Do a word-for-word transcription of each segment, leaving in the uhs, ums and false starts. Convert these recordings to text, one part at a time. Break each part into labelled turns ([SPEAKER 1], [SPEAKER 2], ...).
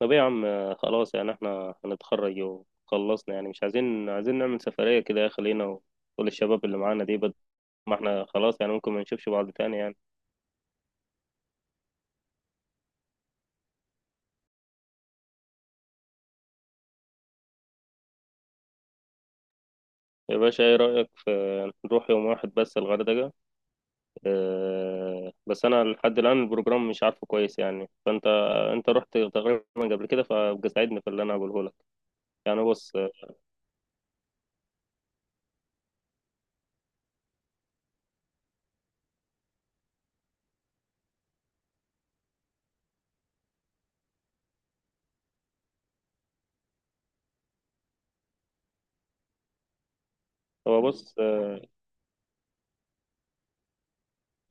[SPEAKER 1] طب ايه يا عم، آه، خلاص يعني احنا هنتخرج وخلصنا. يعني مش عايزين عايزين نعمل سفرية كده، يا خلينا، وكل الشباب اللي معانا دي بد... ما احنا خلاص، يعني ممكن ما نشوفش بعض تاني يعني. يا باشا، ايه رأيك في نروح يوم واحد بس الغردقة؟ اه... بس انا لحد الآن البروجرام مش عارفه كويس، يعني فانت انت رحت تقريبا قبل كده، فابقى ساعدني في اللي انا هقوله لك. يعني بص آه، هو بص، آه،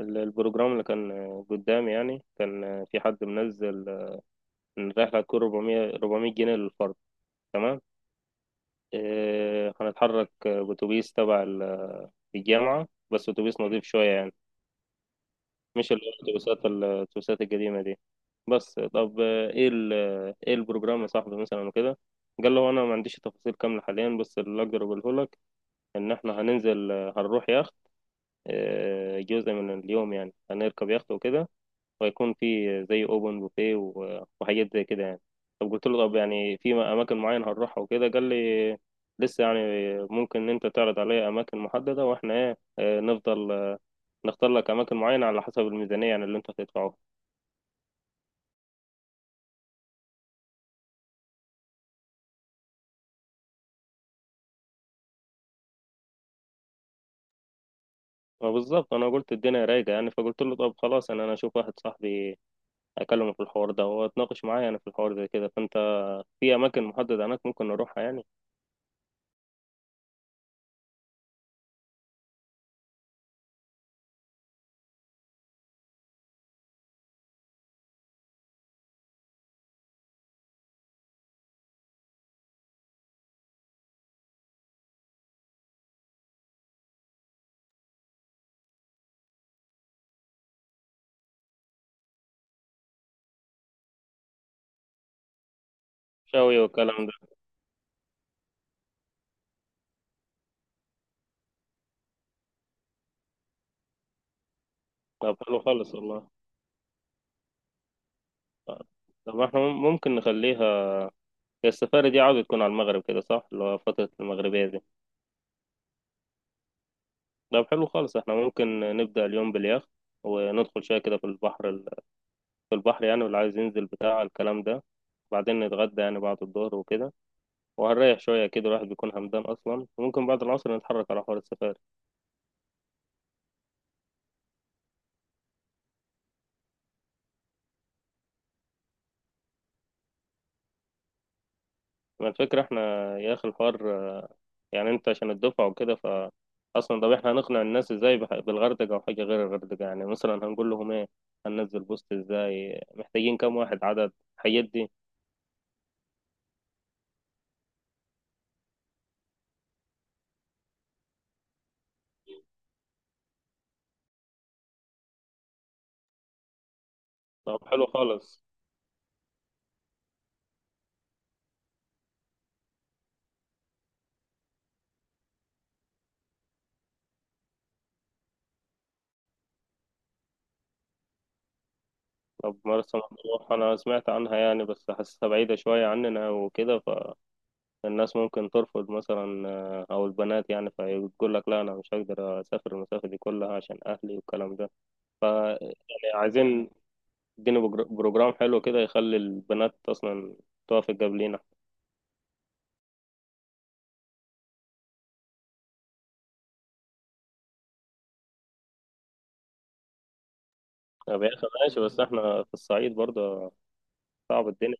[SPEAKER 1] ال- البروجرام اللي كان آه، قدامي، يعني كان آه، في حد منزل آه، ان الرحلة هتكون أربعمية أربعمائة جنيه للفرد، تمام. إيه، هنتحرك آه، بأتوبيس تبع ال- الجامعة، بس أتوبيس نظيف شوية يعني، مش اللي هو الأتوبيسات ال- الأتوبيسات القديمة دي. بس طب، آه، إيه ال إيه البروجرام يا صاحبي مثلا وكده. قال له أنا ما عنديش تفاصيل كاملة حاليا، بس اللي أقدر أقوله لك إن إحنا هننزل، آه، هنروح يخت آه، جزء من اليوم، يعني هنركب يخت وكده، ويكون في زي اوبن بوفيه و- وحاجات زي كده يعني. طب قلت له طب يعني في اماكن معينه هنروحها وكده، قال لي لسه يعني، ممكن ان انت تعرض عليا اماكن محدده، واحنا ايه آه، نفضل، آه، نختار لك اماكن معينه على حسب الميزانيه، يعني اللي انت هتدفعه. فبالظبط انا قلت الدنيا رايقه، يعني فقلت له طب خلاص، انا انا اشوف واحد صاحبي اكلمه في الحوار ده، واتناقش معاه يعني في الحوار ده كده، فانت في اماكن محدده هناك ممكن نروحها يعني. شاوي والكلام ده. طب حلو خالص والله. طب احنا ممكن نخليها، هي السفاري دي عاوزة تكون على المغرب كده صح، اللي هو فترة المغربية دي. طب حلو خالص، احنا ممكن نبدأ اليوم باليخت، وندخل شوية كده في البحر ال- في البحر يعني، واللي عايز ينزل بتاع الكلام ده، وبعدين نتغدى يعني بعد الظهر وكده، وهنريح شوية كده، الواحد بيكون همدان أصلا، وممكن بعد العصر نتحرك على حوار السفاري. ما الفكرة احنا يا أخي الحوار، يعني أنت عشان الدفعة وكده، ف أصلا طب احنا هنقنع الناس ازاي بح- بالغردقة أو حاجة غير الغردقة، يعني مثلا هنقول لهم ايه، هننزل بوست ازاي، محتاجين كام واحد، عدد الحاجات دي. طب حلو خالص. طب مرسى مطروح أنا سمعت عنها يعني، بس حاسسها بعيدة شوية عننا وكده، فالناس ممكن ترفض مثلا، آه، أو البنات يعني، فيقول لك لا أنا مش هقدر أسافر المسافة دي كلها عشان أهلي والكلام ده. يعني عايزين يديني بجر- بروجرام حلو كده، يخلي البنات أصلا توافق قبلينا. طب يا أخي ماشي، بس إحنا في الصعيد برضه، صعب الدنيا.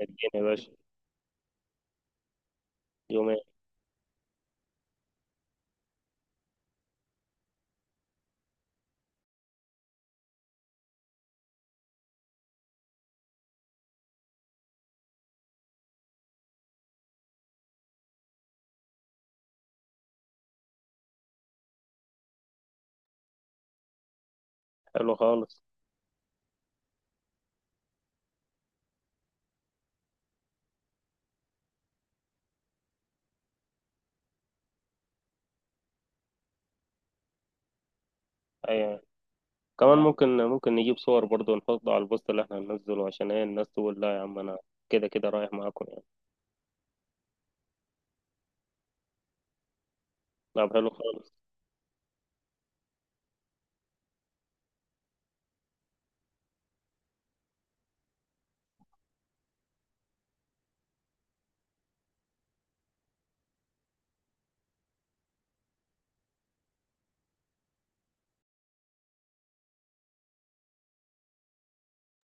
[SPEAKER 1] الدنيا يا باشا، يومين، حلو خالص. أيوة، كمان ممكن ممكن نجيب صور برضو نحطه على البوست اللي احنا هننزله، عشان ايه الناس تقول لا يا عم انا كده كده رايح معاكم يعني. طب حلو خالص.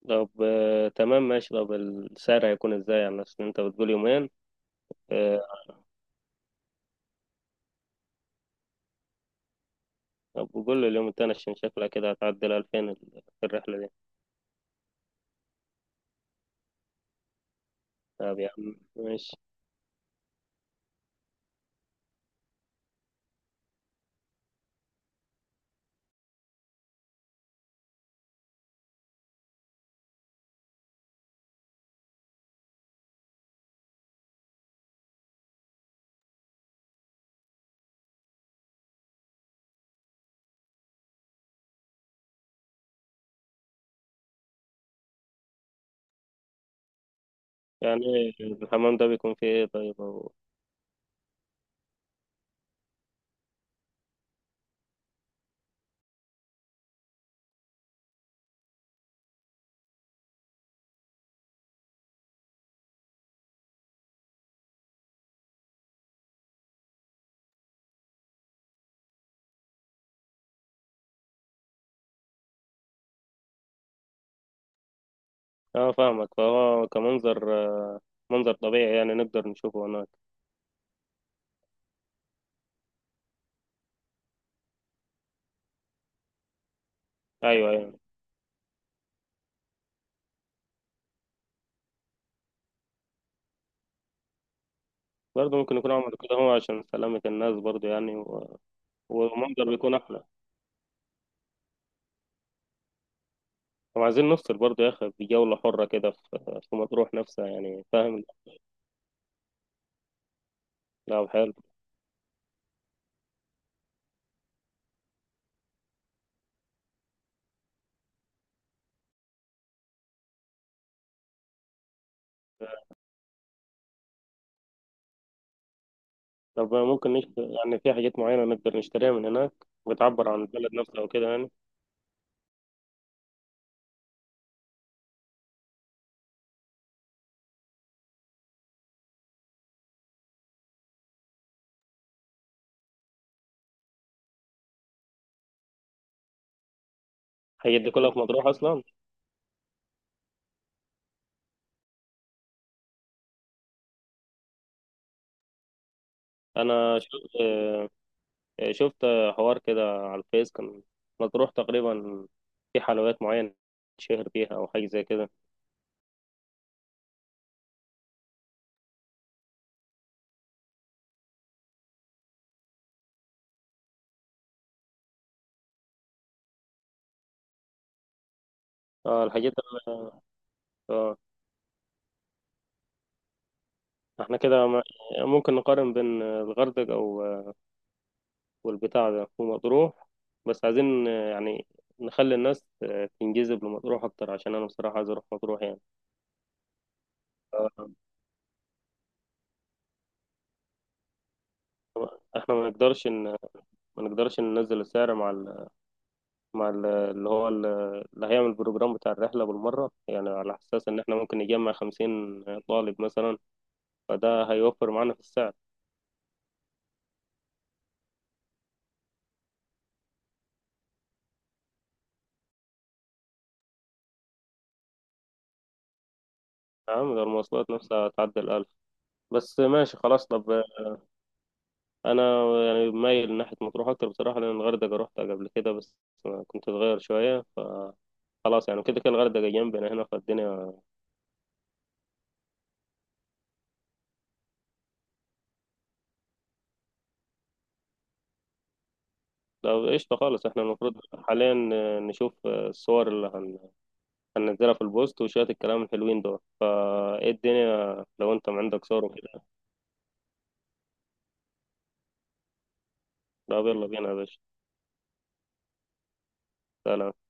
[SPEAKER 1] طب آه تمام ماشي، طب السعر هيكون ازاي يعني، اصل انت بتقول يومين. آه. طب قول لي اليوم التاني عشان شكلها كده هتعدي ال ألفين في الرحلة دي. طب يا عم ماشي. يعني الحمام ده بيكون فيه ايه طيب أو... اه، فاهمك، فهو كمنظر، آه منظر طبيعي يعني نقدر نشوفه هناك. ايوه يعني، برضه ممكن يكون عملوا كده هو عشان سلامة الناس برضه يعني، والمنظر بيكون احلى. طب عايزين نفصل برضه يا اخي بجولة حرة كده في في مطروح نفسها، يعني فاهم. لا، حلو. طب ممكن نشت... يعني في حاجات معينة نقدر نشتريها من هناك بتعبر عن البلد نفسها وكده يعني؟ الحاجات دي كلها في مطروح أصلا. أنا شفت، آه، شفت حوار كده على الفيس، كان مطروح تقريبا في حلويات معينة شهر بيها أو حاجة زي كده. اه، الحاجات اللي... اه. احنا كده ما- ممكن نقارن بين الغردقة والبتاع ده ومطروح، بس عايزين، آه، يعني نخلي الناس آه، تنجذب لمطروح أكتر، عشان أنا بصراحة عايز أروح مطروح يعني. آه، إحنا ما نقدرش إن ما نقدرش ننزل السعر مع ال... مع ال... اللي هو ال... اللي هيعمل البروجرام بتاع الرحلة بالمرة، يعني على أساس إن إحنا ممكن نجمع خمسين طالب مثلا، فده هيوفر معانا في السعر. نعم ده المواصلات نفسها هتعدي الألف. بس ماشي خلاص، طب. أنا يعني مايل ناحية مطروح أكتر بصراحة، لأن الغردقة روحتها قبل كده بس كنت صغير شوية، خلاص يعني كده كده الغردقة جنبنا هنا فالدنيا. لو قشطة خالص، احنا المفروض حاليا نشوف الصور اللي هن... هننزلها في البوست وشوية الكلام الحلوين دول، فايه الدنيا لو انت عندك صور وكده. طب يلا بينا يا باشا، سلام.